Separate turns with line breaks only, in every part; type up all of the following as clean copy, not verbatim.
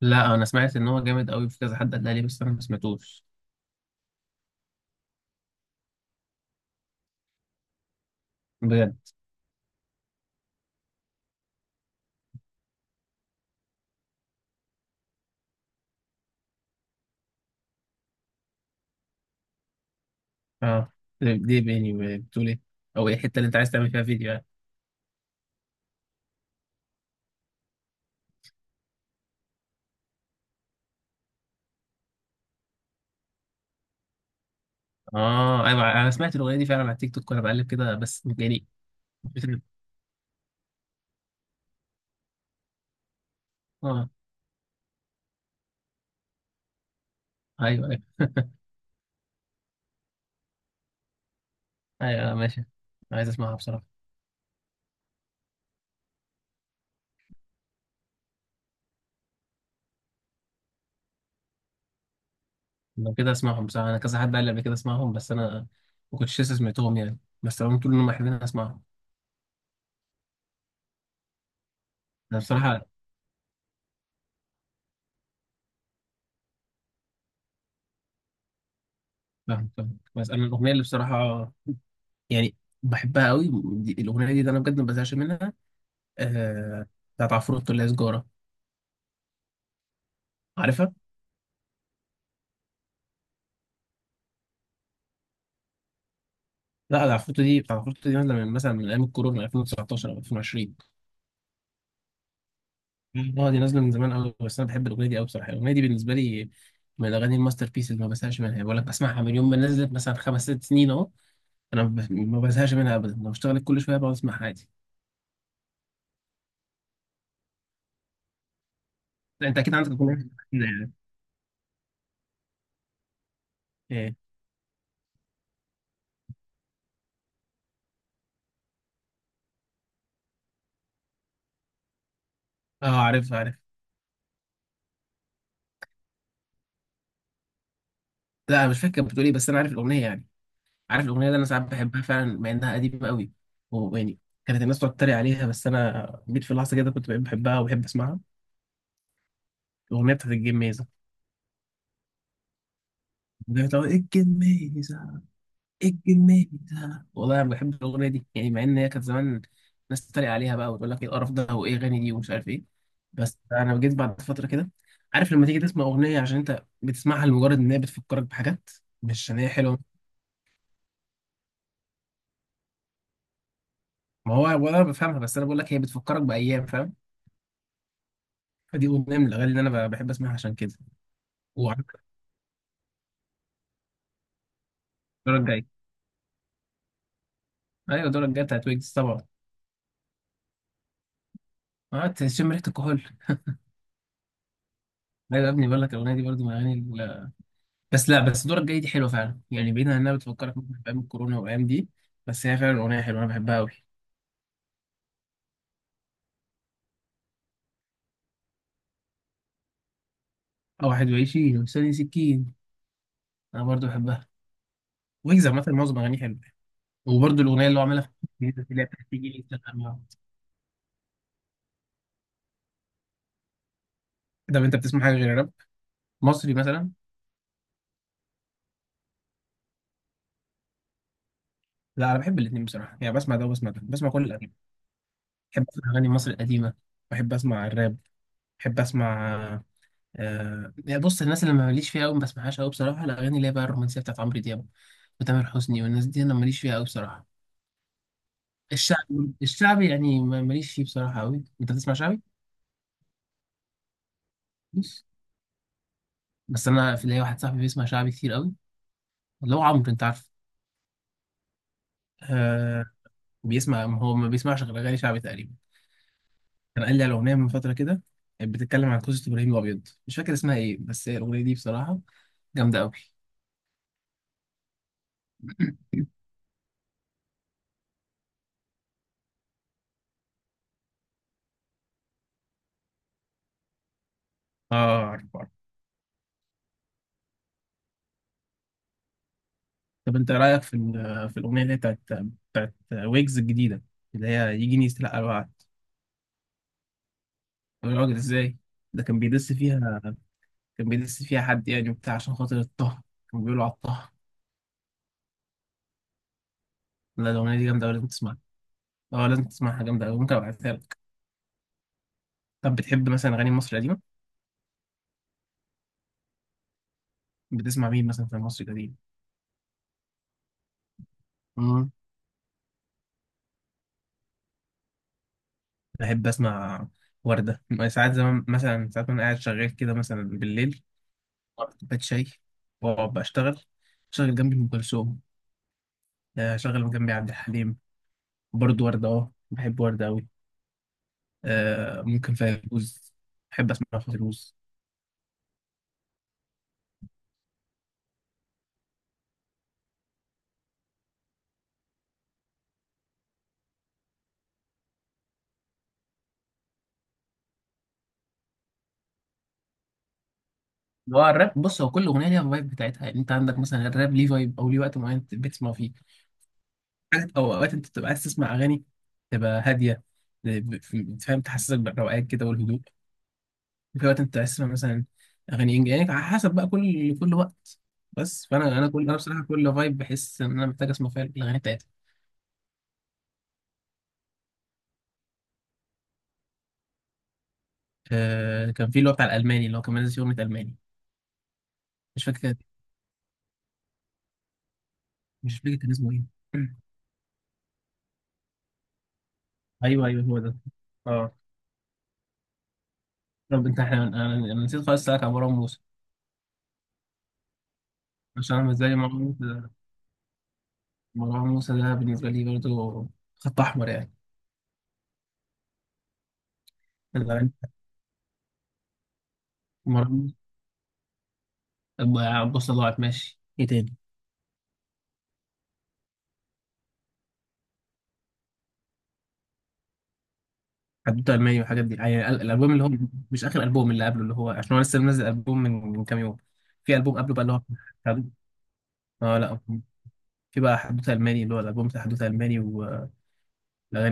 لا انا سمعت ان هو جامد قوي في كذا حد قال لي بس انا ما سمعتوش بجد. اه، دي بيني بتقول ايه؟ او ايه الحته اللي انت عايز تعمل فيها فيديو يعني؟ اه ايوه، انا سمعت الاغنيه دي فعلا على التيك توك وانا بقلب كده، بس يعني بت- اه ايوه، ايوه، ايوه، آه، ماشي. عايز اسمعها بصراحه. لو كده اسمعهم بصراحه، انا كذا حد قال لي قبل كده اسمعهم، بس انا ما كنتش لسه سمعتهم يعني، بس هم طول انهم حلوين أنا اسمعهم. انا بصراحه فاهم فاهم، بس انا الاغنيه اللي بصراحه يعني بحبها قوي الاغنيه دي، ده انا بجد ما بزهقش منها، آه، بتاعت عفروتو اللي هي سجارة. عارفها؟ لا، ده عفروتو، دي بتاعت عفروتو، دي نازلة من مثلا من أيام الكورونا من 2019 أو 2020. اه دي نازلة من زمان أوي، بس أنا بحب الأغنية دي أوي بصراحة. الأغنية دي بالنسبة لي من الأغاني الماستر بيس اللي ما بزهقش منها يعني. بقول لك بسمعها من يوم ما نزلت مثلا خمس ست سنين أهو. ما بزهقش منها أبدا، لو اشتغلت كل شوية بقعد أسمعها عادي. لا أنت أكيد عندك أغنية كده يعني. إيه؟ اه عارف عارف. لا أنا مش فاكر بتقول إيه، بس أنا عارف الأغنية يعني. عارف الاغنيه دي، انا ساعات بحبها فعلا مع انها قديمه قوي. ويعني كانت الناس تقعد تتريق عليها، بس انا جيت في لحظه كده كنت بقيت بحبها وبحب اسمعها. الاغنيه بتاعت الجميزه، بتاعت ايه الجميزه، ايه الجميزه، والله انا بحب الاغنيه دي يعني، مع ان هي كانت زمان ناس تتريق عليها بقى وتقول لك ايه القرف ده وايه اغاني دي ومش عارف ايه. بس انا جيت بعد فتره كده، عارف لما تيجي تسمع اغنيه عشان انت بتسمعها لمجرد ان هي بتفكرك بحاجات مش عشان هي حلوه. ما هو ولا انا بفهمها، بس انا بقول لك هي بتفكرك بايام، فاهم. فدي اغنيه من الاغاني اللي بحب اسمعها عشان كده. وعندك الدورة الجاية. ايوه الدورة الجاية بتاعت ويجز طبعا. اه تشم ريحة الكحول. لا يا ابني، بقول لك الاغنية دي برضو من الاغاني ال- بس لا بس الدورة الجاية دي حلوة فعلا يعني، بعيدا عن انها بتفكرك ممكن في ايام الكورونا والايام دي، بس هي فعلا اغنية حلوة، انا بحبها قوي. او واحد وعشرين وسنة سكين، انا برضو بحبها. ويجز عامة معظم اغانيه حلوة. وبرضو الاغنية اللي هو عاملها في الجديدة اللي هي بتاعت تيجي لي تسأل عنها. طب انت بتسمع حاجة غير راب مصري مثلا؟ لا انا بحب الاثنين بصراحة يعني، بسمع ده وبسمع ده، بسمع كل الاغاني. بحب اسمع اغاني مصر القديمة، بحب اسمع الراب، بحب اسمع، آه، بص الناس اللي ما ماليش فيها قوي ما بسمعهاش قوي بصراحه، الاغاني اللي هي بقى الرومانسيه بتاعت عمرو دياب وتامر حسني والناس دي انا ماليش فيها قوي بصراحه. الشعبي يعني ماليش فيه بصراحه قوي. انت بتسمع شعبي؟ بص، بس انا في ليا واحد صاحبي بيسمع شعبي كتير قوي، اللي هو عمرو انت عارف. آه، بيسمع هو ما بيسمعش غير اغاني شعبي تقريبا. كان قال لي على اغنيه من فتره كده، كانت بتتكلم عن قصه ابراهيم الابيض، مش فاكر اسمها ايه، بس هي الاغنيه دي بصراحه جامده قوي. اه، طب انت رايك في في الاغنيه اللي هي بتاعت بتاعت ويجز الجديده اللي هي يجيني يستلقى الوعد؟ يا راجل ازاي؟ ده كان بيدس فيها، كان بيدس فيها حد يعني وبتاع، عشان خاطر الطه، كان بيقولوا على الطه. لا الاغنيه دي جامده أوي، لازم تسمعها. اه لازم تسمعها، جامده أوي، ممكن ابعتها لك. طب بتحب مثلا اغاني مصر القديمه؟ بتسمع مين مثلا في مصر القديمه؟ امم، بحب اسمع ورده ساعات زمان، مثلا ساعات وانا قاعد شغال كده مثلا بالليل، أقعد كوبايه شاي واقعد بشتغل، شغل جنبي ام كلثوم، آه، شغل جنبي عبد الحليم، برضو وردة، اه بحب وردة أوي، آه ممكن فيروز، بحب أسمع فيروز. اللي هو الراب، بص هو كل أغنية ليها الفايب بتاعتها يعني، أنت عندك مثلا الراب ليه فايب أو ليه وقت معين أنت بتسمع فيه حاجات، أو أوقات أنت بتبقى عايز تسمع أغاني تبقى هادية، ب- فاهم، تحسسك بالروقان كده والهدوء، وفي وقت أنت عايز تسمع مثلا أغاني إنجليزي يعني، على حسب بقى كل كل وقت. بس فأنا أنا كل أنا بصراحة كل فايب بحس إن أنا محتاج أسمع فيها الأغاني بتاعتها. آه كان في اللي هو بتاع الألماني اللي هو كان منزل فيه أغنية ألماني. مش فاكر كان- مش فاكر كان اسمه إيه. ايوه ايوه هو ده. اه، طب انت احنا انا أنا نسيت خالص اسالك عن مروان موسى، عشان انا بالنسبه لي مروان موسى ده، مروان موسى ده بالنسبه لي برضه خط احمر يعني. الأغاني- مروان موسى، بص ضاعت ماشي، ايه تاني؟ حدوته الماني والحاجات دي يعني الالبوم اللي هو مش اخر البوم، اللي قبله، اللي هو عشان هو لسه منزل البوم من من كام يوم، في البوم قبله بقى اللي هو حدوتة- اه لا في بقى حدوته الماني، اللي هو الالبوم بتاع حدوته الماني والاغاني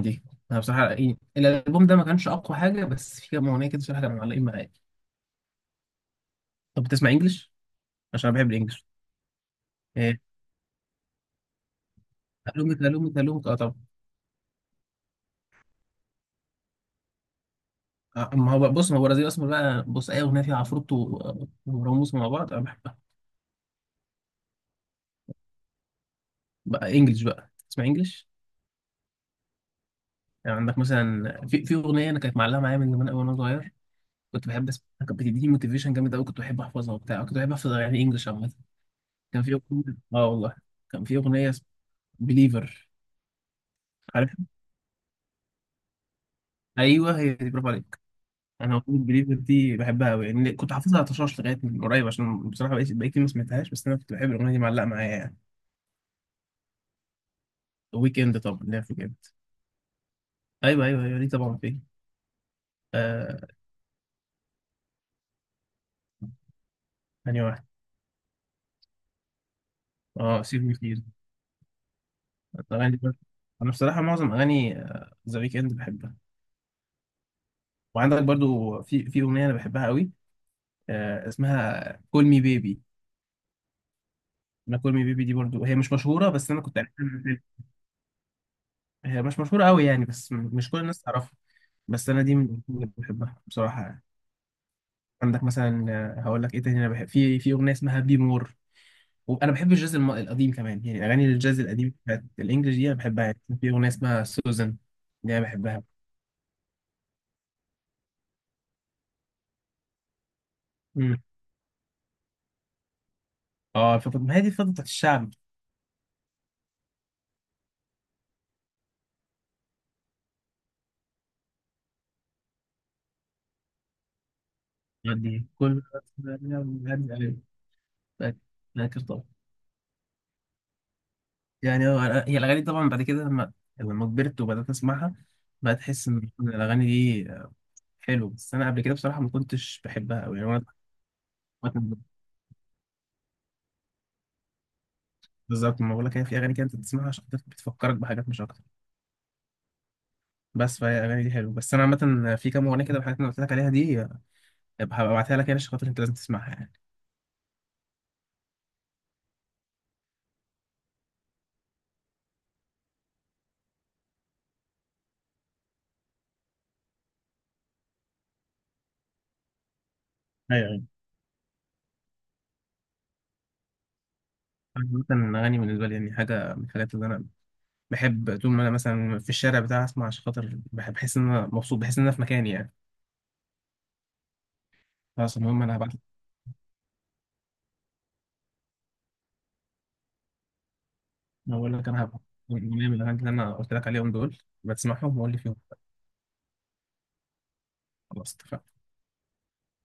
دي، انا بصراحه إيه، الالبوم ده ما كانش اقوى حاجه، بس في كام اغنيه كده بصراحه كانوا معلقين معايا. طب بتسمع انجلش؟ عشان انا بحب الانجليش. إيه، الومك الومك الومك اه طبعا. آه، ما هو بقى- بص ما هو البرازيل اصلا بقى، بص اي اغنيه فيها عفروتو وراموس مع بعض انا بحبها. بقى انجليش بقى اسمع انجليش. يعني عندك مثلا في اغنيه انا كانت معلقه معايا من زمان قوي وانا صغير، كنت بحب اسمعها، كانت بتديني موتيفيشن جامد قوي، كنت بحب احفظها وبتاع، كنت بحب احفظ اغاني انجليش عامه. كان في اغنيه، اه والله، كان في اغنيه اسمها بليفر. عارف، ايوه هي دي، برافو عليك. انا اغنيه بليفر دي بحبها قوي يعني، كنت حافظها على طشاش لغايه من قريب، عشان بصراحه بقيت ما سمعتهاش، بس انا كنت بحب الاغنيه دي، معلقه معايا يعني. ويك اند طبعا لعب في جامد. ايوه ايوه ايوه، دي طبعا فين، آه. ثاني واحد، اه سيب مي فيل. الاغاني دي برضه، انا بصراحه معظم اغاني ذا ويك اند بحبها. وعندك برضو في اغنيه انا بحبها قوي، آه اسمها كول مي بيبي. انا كول مي بيبي دي برضو هي مش مشهوره، بس انا كنت عارفها من الفيلم. هي مش مشهوره قوي يعني، بس مش كل الناس تعرفها. بس انا دي من الأغاني اللي بحبها بصراحه يعني. عندك مثلا، آه، هقول لك ايه تاني، انا بحب في اغنيه اسمها بي مور، وانا بحب الجاز القديم كمان يعني، اغاني الجاز القديم بتاعت الانجليش دي انا بحبها يعني، في اغنيه اسمها سوزان، دي انا بحبها. امم، اه الفتره، ما هي دي الفتره بتاعت الشعب. دي كل، فاكر طبعا. يعني هو هي الاغاني طبعا بعد كده لما لما كبرت وبدات اسمعها، بقيت احس ان الاغاني دي حلوه، بس انا قبل كده بصراحه ما كنتش بحبها قوي يعني. انا بالظبط، ما بقول لك، هي في اغاني كده انت بتسمعها عشان بتفكرك بحاجات مش اكتر. بس فهي الاغاني دي حلوه، بس انا عامه في كام اغنيه كده من الحاجات اللي أنا قلت لك عليها دي، أبقى هبعتها لك يعني، عشان خاطر انت لازم تسمعها يعني. ايوه ايوه. أنا مثلا الاغاني بالنسبه لي يعني حاجه من الحاجات اللي انا بحب، طول ما انا مثلا في الشارع بتاعي اسمع، عشان خاطر بحب بحس ان انا مبسوط، بحس ان انا في مكاني يعني. خلاص المهم انا هبعت لك. أنا بقول لك انا هبعت لك أغنية من الاغاني اللي انا قلت لك عليهم دول، بتسمعهم وقول لي فيهم. خلاص اتفقنا.